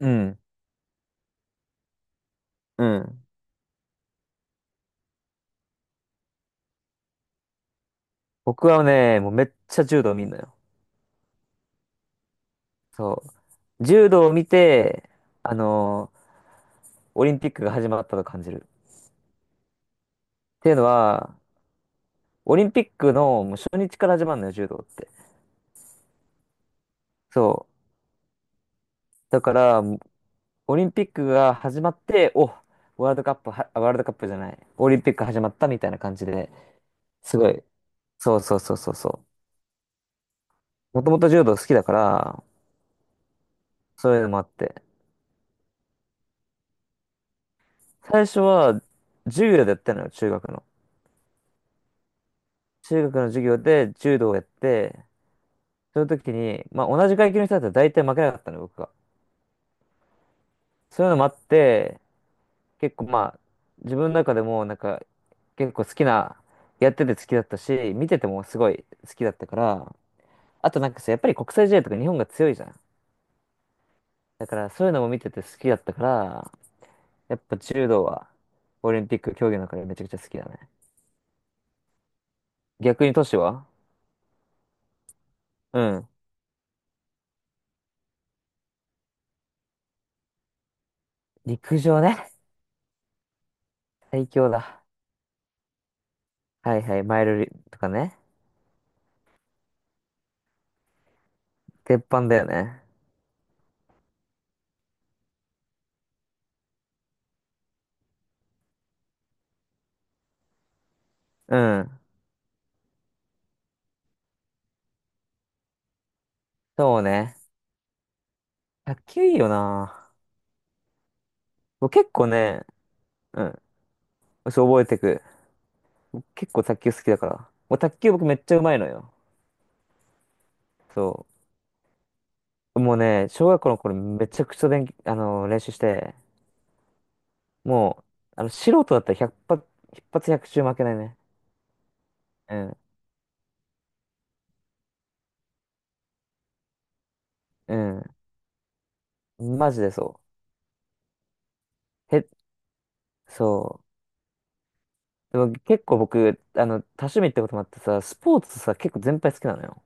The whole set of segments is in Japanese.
うん。うん。僕はね、もうめっちゃ柔道見んのよ。そう。柔道を見て、あのーオリンピックが始まったと感じる。っていうのは、オリンピックのもう初日から始まるのよ、柔道って。そう。だから、オリンピックが始まって、ワールドカップは、ワールドカップじゃない、オリンピック始まったみたいな感じで、すごい、そうそうそうそうそう。もともと柔道好きだから、そういうのもあって。最初は、柔道でやってたのよ、中学の。中学の授業で柔道をやって、その時に、まあ同じ階級の人だったら大体負けなかったの、僕が。そういうのもあって、結構まあ、自分の中でもなんか、結構好きな、やってて好きだったし、見ててもすごい好きだったから、あとなんかさ、やっぱり国際試合とか日本が強いじゃん。だからそういうのも見てて好きだったから、やっぱ柔道はオリンピック競技の中でめちゃくちゃ好きだね。逆に都市はうん。陸上ね。最強だ。はいはい、マイルリとかね。鉄板だよね。うん。そうね。卓球いいよな。僕結構ね、うん。そう覚えてく。結構卓球好きだから。もう卓球僕めっちゃうまいのよ。そう。もうね、小学校の頃めちゃくちゃ練、あの、練習して、もう、素人だったら100発、一100中負けないね。うん。うん。マジでそう。そう。でも結構僕、多趣味ってこともあってさ、スポーツさ、結構全般好きなのよ。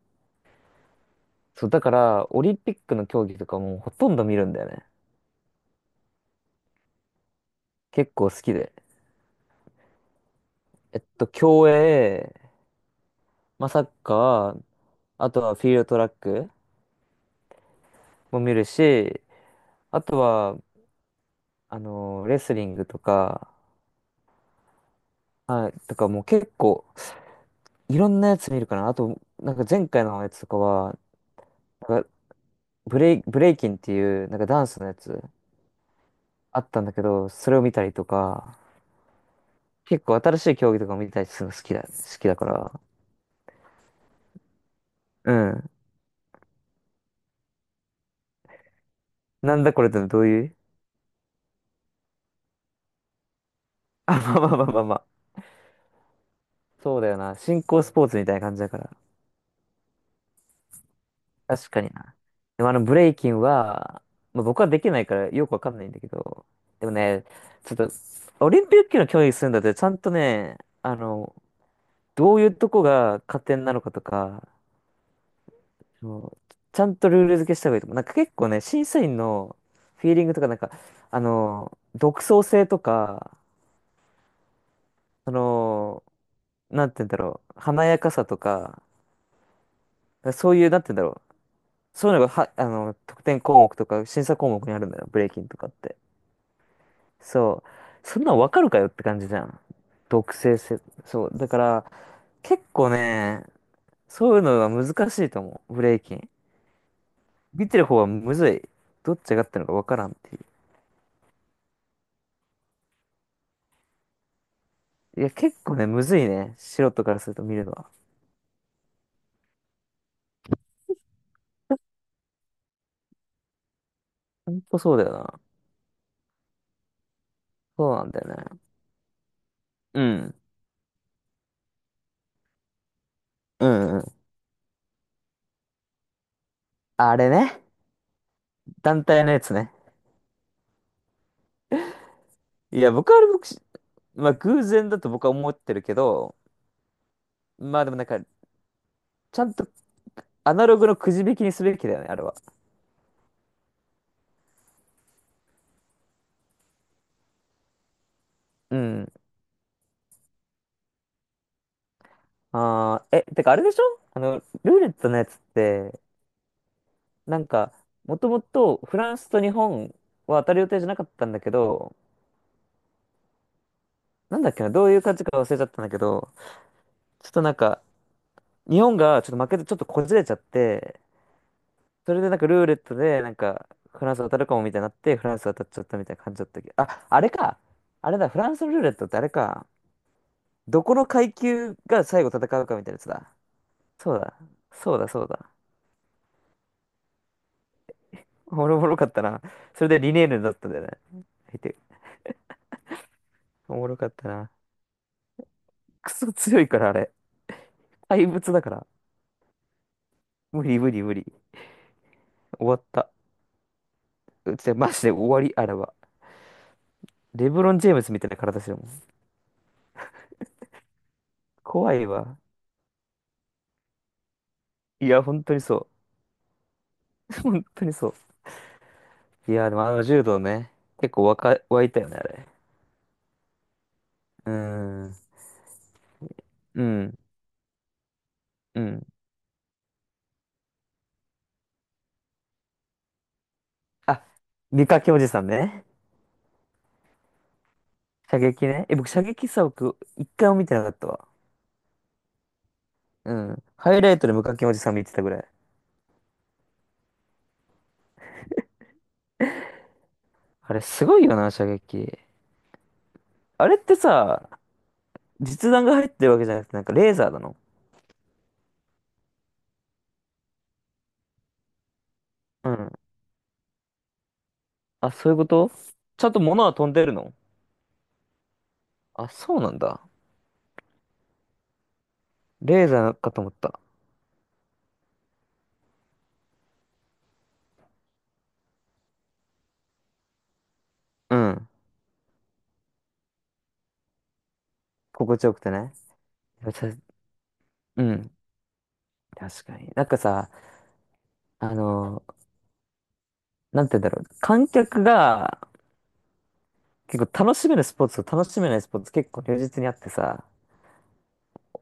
そう、だから、オリンピックの競技とかもうほとんど見るんだよね。結構好きで。競泳、まあ、サッカー、あとはフィールドトラックも見るし、あとは、レスリングとか、はい、とかもう結構、いろんなやつ見るかな。あと、なんか前回のやつとかは、なんかブレイキンっていう、なんかダンスのやつあったんだけど、それを見たりとか、結構新しい競技とかも見たりするの好きだから。うん。なんだこれってどういう？ まあまあまあまあまあ。そうだよな。新興スポーツみたいな感じだから。確かにな。でもあのブレイキンは、まあ、僕はできないからよくわかんないんだけど、でもね、ちょっと、オリンピックの競技するんだって、ちゃんとね、あの、どういうとこが加点なのかとか、そうちゃんとルール付けした方がいいと思う。なんか結構ね、審査員のフィーリングとか、なんか、独創性とか、その、なんて言うんだろう、華やかさとか、そういう、なんて言うんだろう、そういうのがは、得点項目とか、審査項目にあるんだよ、ブレイキンとかって。そう。そんなんわかるかよって感じじゃん。毒性せ、そう。だから、結構ね、そういうのが難しいと思う。ブレイキン。見てる方はむずい。どっちがってるのかわからんっていう。いや、結構ね、むずいね。素人からすると見るのは。ほんとそうだよな。そうなんだよね。うん。うんうん。あれね。団体のやつね。いや、僕はあれ僕し、まあ偶然だと僕は思ってるけど、まあでもなんか、ちゃんとアナログのくじ引きにすべきだよね、あれは。うん。ああ、てかあれでしょルーレットのやつって、なんか、もともとフランスと日本は当たる予定じゃなかったんだけど、なんだっけな、どういう感じか忘れちゃったんだけど、ちょっとなんか、日本がちょっと負けてちょっとこじれちゃって、それでなんかルーレットでなんか、フランス当たるかもみたいになって、フランス当たっちゃったみたいな感じだったけど、あれか。あれだ、フランスのルーレットってあれか。どこの階級が最後戦うかみたいなやつだ。そうだ、そうだ。おもろおろかったな。それでリネールだったんだよね。相手。おもろかったな。クソ強いから、あれ。怪物だから。無理無理無理。終わった。うち、マジで終わり、あれは。レブロン・ジェームスみたいな体してるもん。怖いわ。いや、本当にそう。本当にそう。いや、でもあの柔道ね、結構湧いたよね、あれ。うーん。うん。うん。あ、カ掛おじさんね。射撃ね。僕、射撃さ、僕、一回も見てなかったわ。うん。ハイライトで無課金おじさん見てたぐらい。あれ、すごいよな、射撃。あれってさ、実弾が入ってるわけじゃなくて、なんかレーザーなの？うん。そういうこと？ちゃんと物は飛んでるの？あ、そうなんだ。レーザーかと思った。うん。心地よくてね。やっぱさうん。確かに。なんかさ、あのーなんて言うんだろう。観客が結構楽しめるスポーツと楽しめないスポーツ結構如実にあってさ、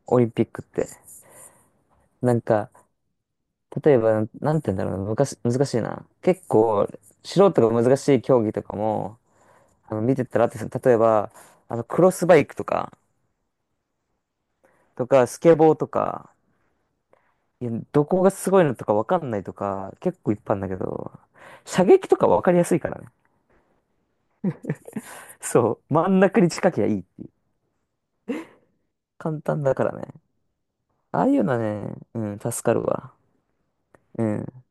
オリンピックって。なんか、例えば、なんて言うんだろうな。昔、難しいな。結構、素人が難しい競技とかも、見てたらあって、その例えば、クロスバイクとか、とか、スケボーとか、いや、どこがすごいのとかわかんないとか、結構いっぱいあるんだけど、射撃とかわかりやすいからね。そう、真ん中に近きりゃいいっていう。簡単だからね。ああいうのはね、うん、助かるわ。うん。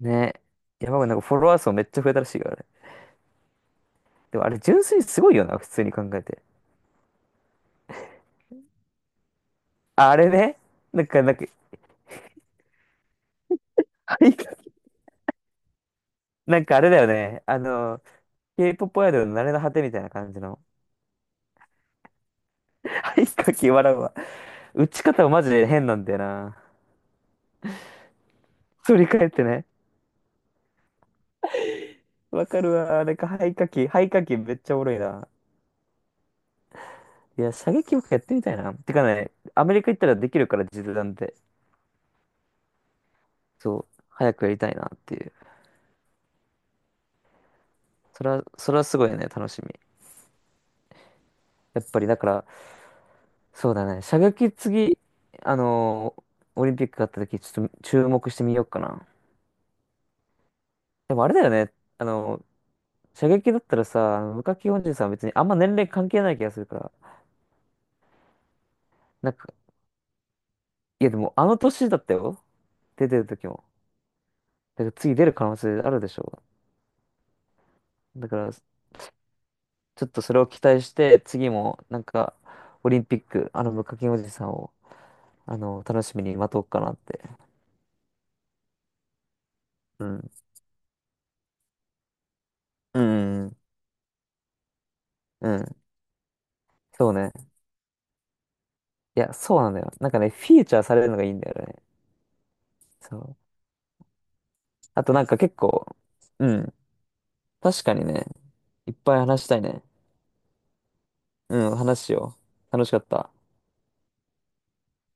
ね。山がなんかフォロワー数めっちゃ増えたらしいからね。でもあれ純粋にすごいよな、普通に考えて。ああれね。なんか、はい、なんかあれだよね。K-POP アイドルの慣れの果てみたいな感じの。はい、かき笑うわ。打ち方はマジで変なんだよな。振り返ってね。わかるわ。なんか肺火器、肺火器めっちゃおもろいな。いや、射撃もやってみたいな。てかね、アメリカ行ったらできるから、実弾で。そう、早くやりたいなっていう。それは、それはすごいね、楽しみ。やっぱり、だから、そうだね、射撃次、あのーオリンピックがあった時、ちょっと注目してみようかな。でもあれだよね、あのー射撃だったらさ、あの無課金おじさんは別にあんま年齢関係ない気がするから、なんか、いやでもあの年だったよ。出てる時も。だから次出る可能性あるでしょう。だから、ちょっとそれを期待して、次も、なんか、オリンピック、無課金おじさんを、楽しみに待とうかなって。うん。うん。うん。うんそうね。いや、そうなんだよ。なんかね、フィーチャーされるのがいいんだよね。そう。あとなんか結構、うん。確かにね、いっぱい話したいね。うん、話しよう。楽しかった。